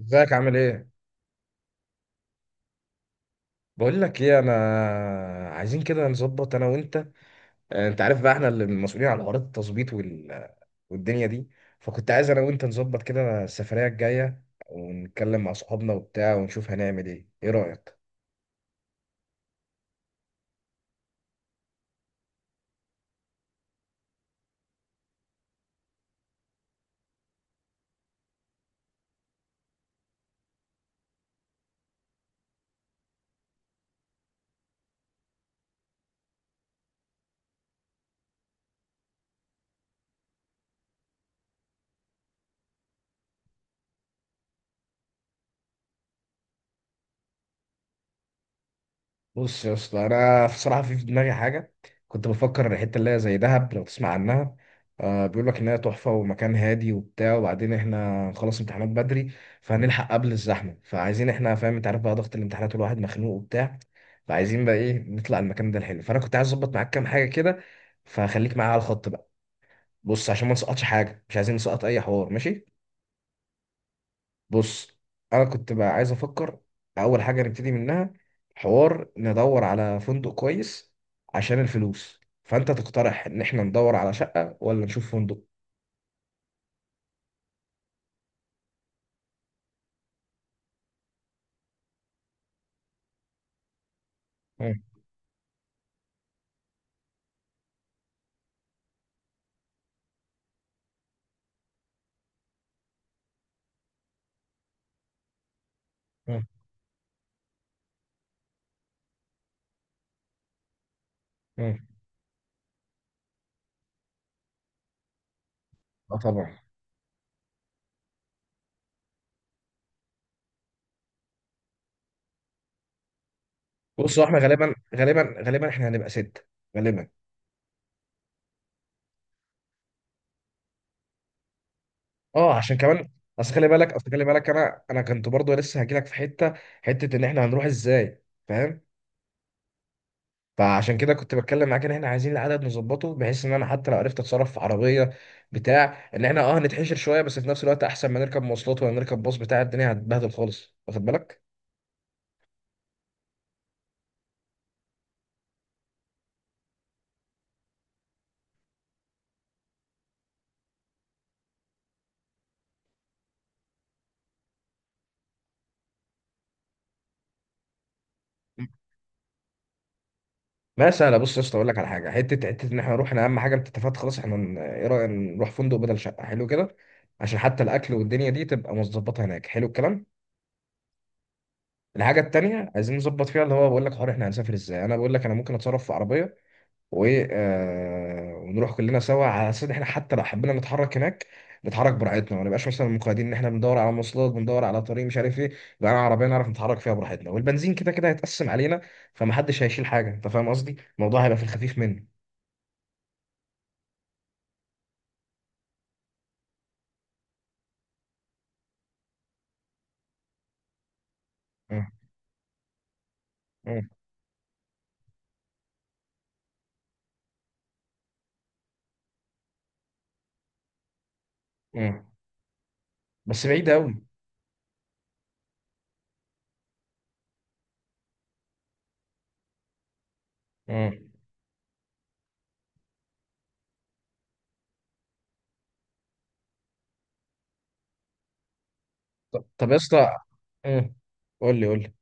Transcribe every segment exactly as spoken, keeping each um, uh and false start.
ازيك عامل ايه؟ بقول لك ايه، انا عايزين كده نظبط انا وانت. آه، انت عارف بقى احنا اللي مسؤولين على حوارات التظبيط وال... والدنيا دي. فكنت عايز انا وانت نظبط كده السفرية الجاية، ونتكلم مع صحابنا وبتاع ونشوف هنعمل ايه، ايه رأيك؟ بص يا اسطى، انا بصراحه في في دماغي حاجه، كنت بفكر الحته اللي هي زي دهب لو تسمع عنها. آه بيقول لك ان هي تحفه ومكان هادي وبتاع، وبعدين احنا نخلص امتحانات بدري، فهنلحق قبل الزحمه. فعايزين احنا، فاهم، انت عارف بقى ضغط الامتحانات والواحد مخنوق وبتاع. فعايزين بقى ايه، نطلع المكان ده الحلو، فانا كنت عايز اظبط معاك كام حاجه كده. فخليك معايا على الخط بقى. بص، عشان ما نسقطش حاجه، مش عايزين نسقط اي حوار، ماشي. بص، انا كنت بقى عايز افكر، اول حاجه نبتدي منها، حوار ندور على فندق كويس عشان الفلوس، فانت تقترح ان احنا ندور على شقه ولا نشوف فندق؟ مم. مم. مم. اه طبعا. بص، هو احنا غالبا غالبا غالبا احنا هنبقى ستة، غالبا. اه عشان كمان، اصل خلي بالك اصل خلي بالك، انا انا كنت برضو لسه هجيلك في حته حته ان احنا هنروح ازاي، فاهم. فعشان كده كنت بتكلم معاك ان احنا عايزين العدد نظبطه، بحيث ان انا حتى لو عرفت اتصرف في عربيه بتاع، ان احنا اه هنتحشر شويه، بس في نفس الوقت احسن ما نركب مواصلات ولا نركب باص بتاع، الدنيا هتبهدل خالص، واخد بالك؟ ما سهله، بص يا اسطى، اقول لك على حاجه، حته حته ان احنا نروح، انا اهم حاجه انت اتفقت خلاص، احنا ن- ايه رايك نروح فندق بدل شقه، حلو كده. عشان حتى الاكل والدنيا دي تبقى مظبطه هناك، حلو الكلام. الحاجه التانيه عايزين نظبط فيها، اللي هو بقول لك، حوار احنا هنسافر ازاي، انا بقول لك انا ممكن اتصرف في عربيه و آه، ونروح كلنا سوا، على اساس ان احنا حتى لو حبينا نتحرك هناك، نتحرك براحتنا، ما نبقاش مثلا مقيدين ان احنا بندور على مواصلات، بندور على طريق مش عارف ايه. يبقى انا عربيه نعرف نتحرك فيها براحتنا، والبنزين كده كده هيتقسم علينا، فمحدش هيشيل حاجه. انت فاهم قصدي، الموضوع هيبقى في الخفيف منه. مم. مم. مم. بس بعيد قوي. طب طب يا اسطى. مم. قول لي، قول لي.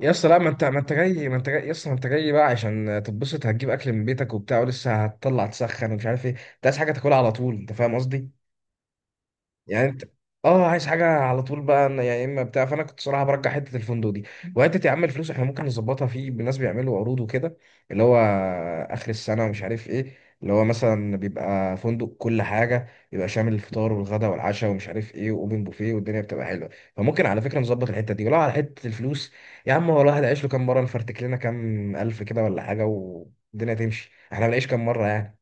يا اسطى لا، ما انت ما انت جاي ما انت جاي يا اسطى ما انت جاي بقى، عشان تتبسط هتجيب اكل من بيتك وبتاع، ولسه هتطلع تسخن ومش عارف ايه، انت عايز حاجه تاكلها على طول، انت فاهم قصدي؟ يعني انت اه عايز حاجه على طول بقى. انا يا اما بتاع، فانا كنت صراحه برجع حته الفندق دي. وحته يا عم الفلوس، احنا ممكن نظبطها في ناس بيعملوا عروض وكده، اللي هو اخر السنه ومش عارف ايه، اللي هو مثلا بيبقى فندق، كل حاجه بيبقى شامل الفطار والغداء والعشاء ومش عارف ايه، واوبن بوفيه، والدنيا بتبقى حلوه. فممكن على فكره نظبط الحته دي، ولو على حته الفلوس، يا عم هو الواحد عايش له كام مره؟ نفرتك لنا كام الف كده ولا حاجه، والدنيا تمشي، احنا بنعيش كام مره يعني.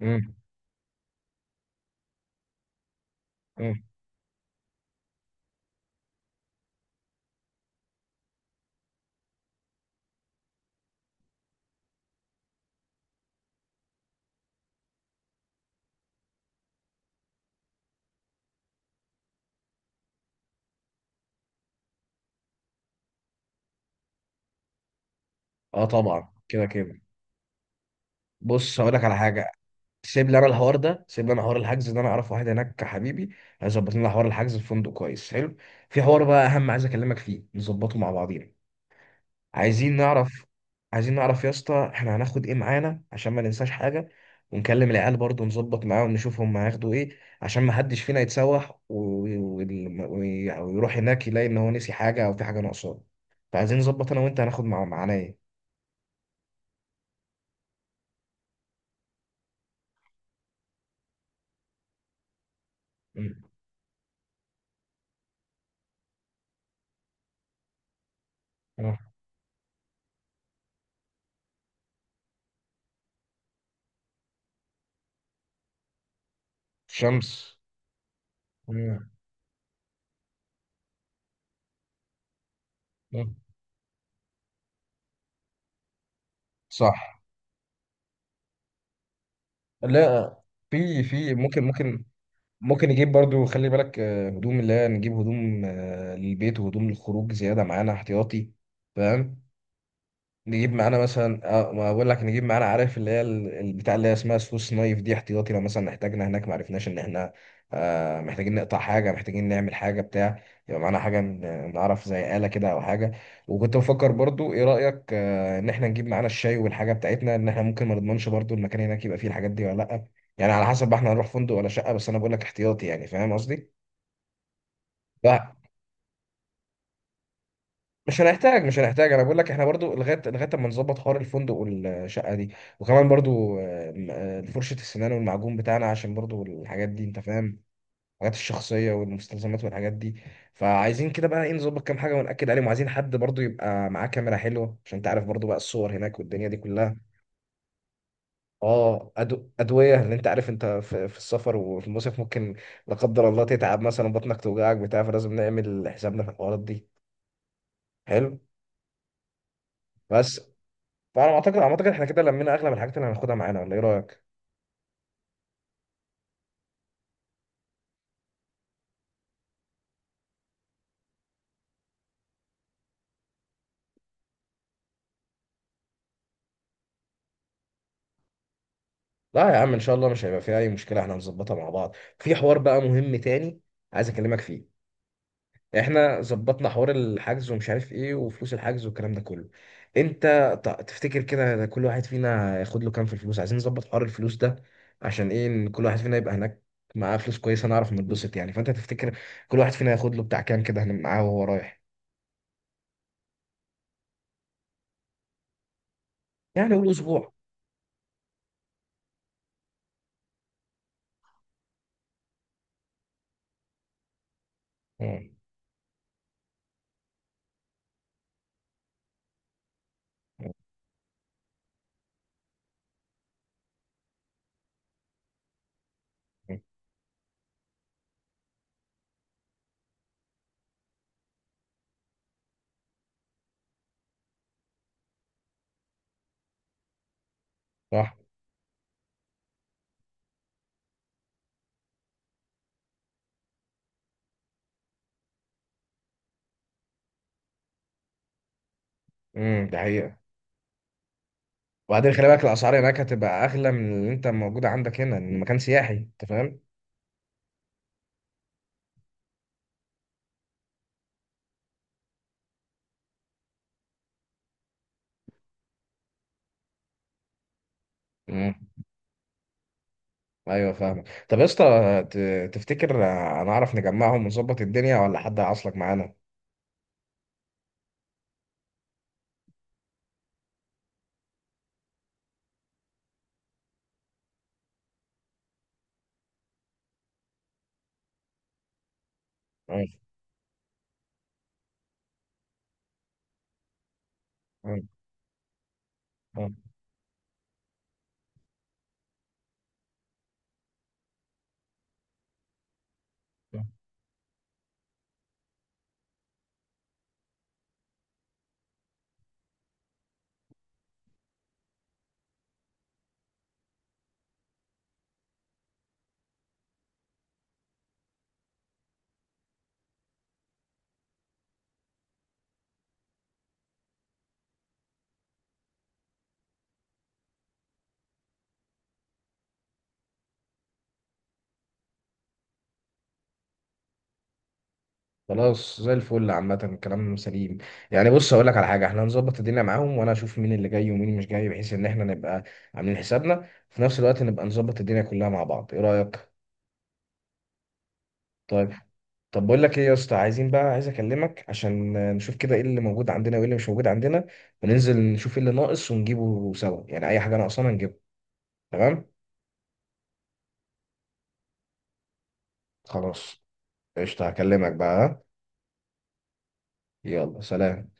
امم. امم. اه طبعا، كده كده. بص، هقول لك على حاجه، سيب لي انا الحوار ده، سيب لي انا حوار الحجز ده، انا اعرف واحد هناك حبيبي، هيظبط لنا حوار الحجز في فندق كويس حلو. في حوار بقى اهم عايز اكلمك فيه، نظبطه مع بعضينا. عايزين نعرف. عايزين نعرف يا اسطى احنا هناخد ايه معانا عشان ما ننساش حاجه. ونكلم العيال برضه، نظبط معاهم، نشوف هم هياخدوا ايه، عشان ما حدش فينا يتسوح و- و- وال- ويروح هناك يلاقي ان هو نسي حاجه او في حاجه ناقصاه. فعايزين نظبط انا وانت هناخد مع معانا ايه. مم. اه. شمس. تمام. آه. صح. لا، في في ممكن ممكن. ممكن نجيب برضو، خلي بالك، آه، هدوم، اللي هي نجيب هدوم آه، للبيت، وهدوم للخروج زيادة معانا احتياطي، فاهم. نجيب معانا مثلا اه ما بقول لك، نجيب معانا عارف اللي هي ال- البتاع اللي هي اسمها سويس نايف دي احتياطي، لو مثلا احتاجنا هناك ما عرفناش ان احنا آه محتاجين نقطع حاجه، محتاجين نعمل حاجه بتاع. يبقى معانا حاجه ن- نعرف زي آلة كده او حاجه. وكنت بفكر برضو، ايه رأيك آه ان احنا نجيب معانا الشاي والحاجه بتاعتنا، ان احنا ممكن ما نضمنش برضو المكان هناك يبقى فيه الحاجات دي ولا لا. يعني على حسب بقى احنا هنروح فندق ولا شقه، بس انا بقول لك احتياطي يعني، فاهم قصدي؟ لا، مش هنحتاج، مش هنحتاج، انا بقول لك احنا برضو لغايه لغايه اما نظبط حوار الفندق والشقه دي، وكمان برضو آه، آه، فرشه السنان والمعجون بتاعنا، عشان برضو الحاجات دي انت فاهم، الحاجات الشخصيه والمستلزمات والحاجات دي. فعايزين كده بقى ايه، نظبط كام حاجه ونأكد عليهم، وعايزين حد برضو يبقى معاه كاميرا حلوه، عشان انت عارف برضو بقى الصور هناك والدنيا دي كلها. اه أدو- ادويه، لان انت عارف انت في, في السفر وفي المصيف، ممكن لا قدر الله تتعب مثلا، بطنك توجعك بتاع، فلازم نعمل حسابنا في الحوارات دي، حلو. بس، فانا اعتقد اعتقد احنا كده لمينا اغلب الحاجات اللي هناخدها معانا، ولا ايه رايك. لا يا عم، ان شاء الله مش هيبقى فيها اي مشكله، احنا هنظبطها مع بعض. في حوار بقى مهم تاني عايز اكلمك فيه، احنا ظبطنا حوار الحجز ومش عارف ايه، وفلوس الحجز والكلام ده كله. انت ت- تفتكر كده كل واحد فينا ياخد له كام في الفلوس؟ عايزين نظبط حوار الفلوس ده، عشان ايه ان كل واحد فينا يبقى هناك معاه فلوس كويسه نعرف نتبسط يعني. فانت تفتكر كل واحد فينا ياخد له بتاع كام كده هن- معاه وهو رايح؟ يعني قول اسبوع. مم. مم. صح. امم، ده حقيقة. وبعدين خلي بالك الاسعار هناك هتبقى اغلى من اللي انت موجود عندك هنا، لان مكان سياحي، انت فاهم. امم. ايوه فاهمك، طب يا اسطى، ت- تفتكر هنعرف نجمعهم ونظبط الدنيا، ولا حد هيعصلك معانا؟ أه. أه. أه. أه. خلاص زي الفل، عامة الكلام سليم يعني. بص، هقول لك على حاجة، احنا هنظبط الدنيا معاهم، وانا اشوف مين اللي جاي ومين مش جاي، بحيث ان احنا نبقى عاملين حسابنا، في نفس الوقت نبقى نظبط الدنيا كلها مع بعض، ايه رأيك؟ طيب. طب بقول لك ايه يا اسطى، عايزين بقى، عايز اكلمك عشان نشوف كده ايه اللي موجود عندنا وايه اللي مش موجود عندنا، وننزل نشوف ايه اللي ناقص ونجيبه سوا، يعني اي حاجه ناقصانا نجيبها، تمام. خلاص، قشطه، هكلمك بقى ها؟ يلا سلام.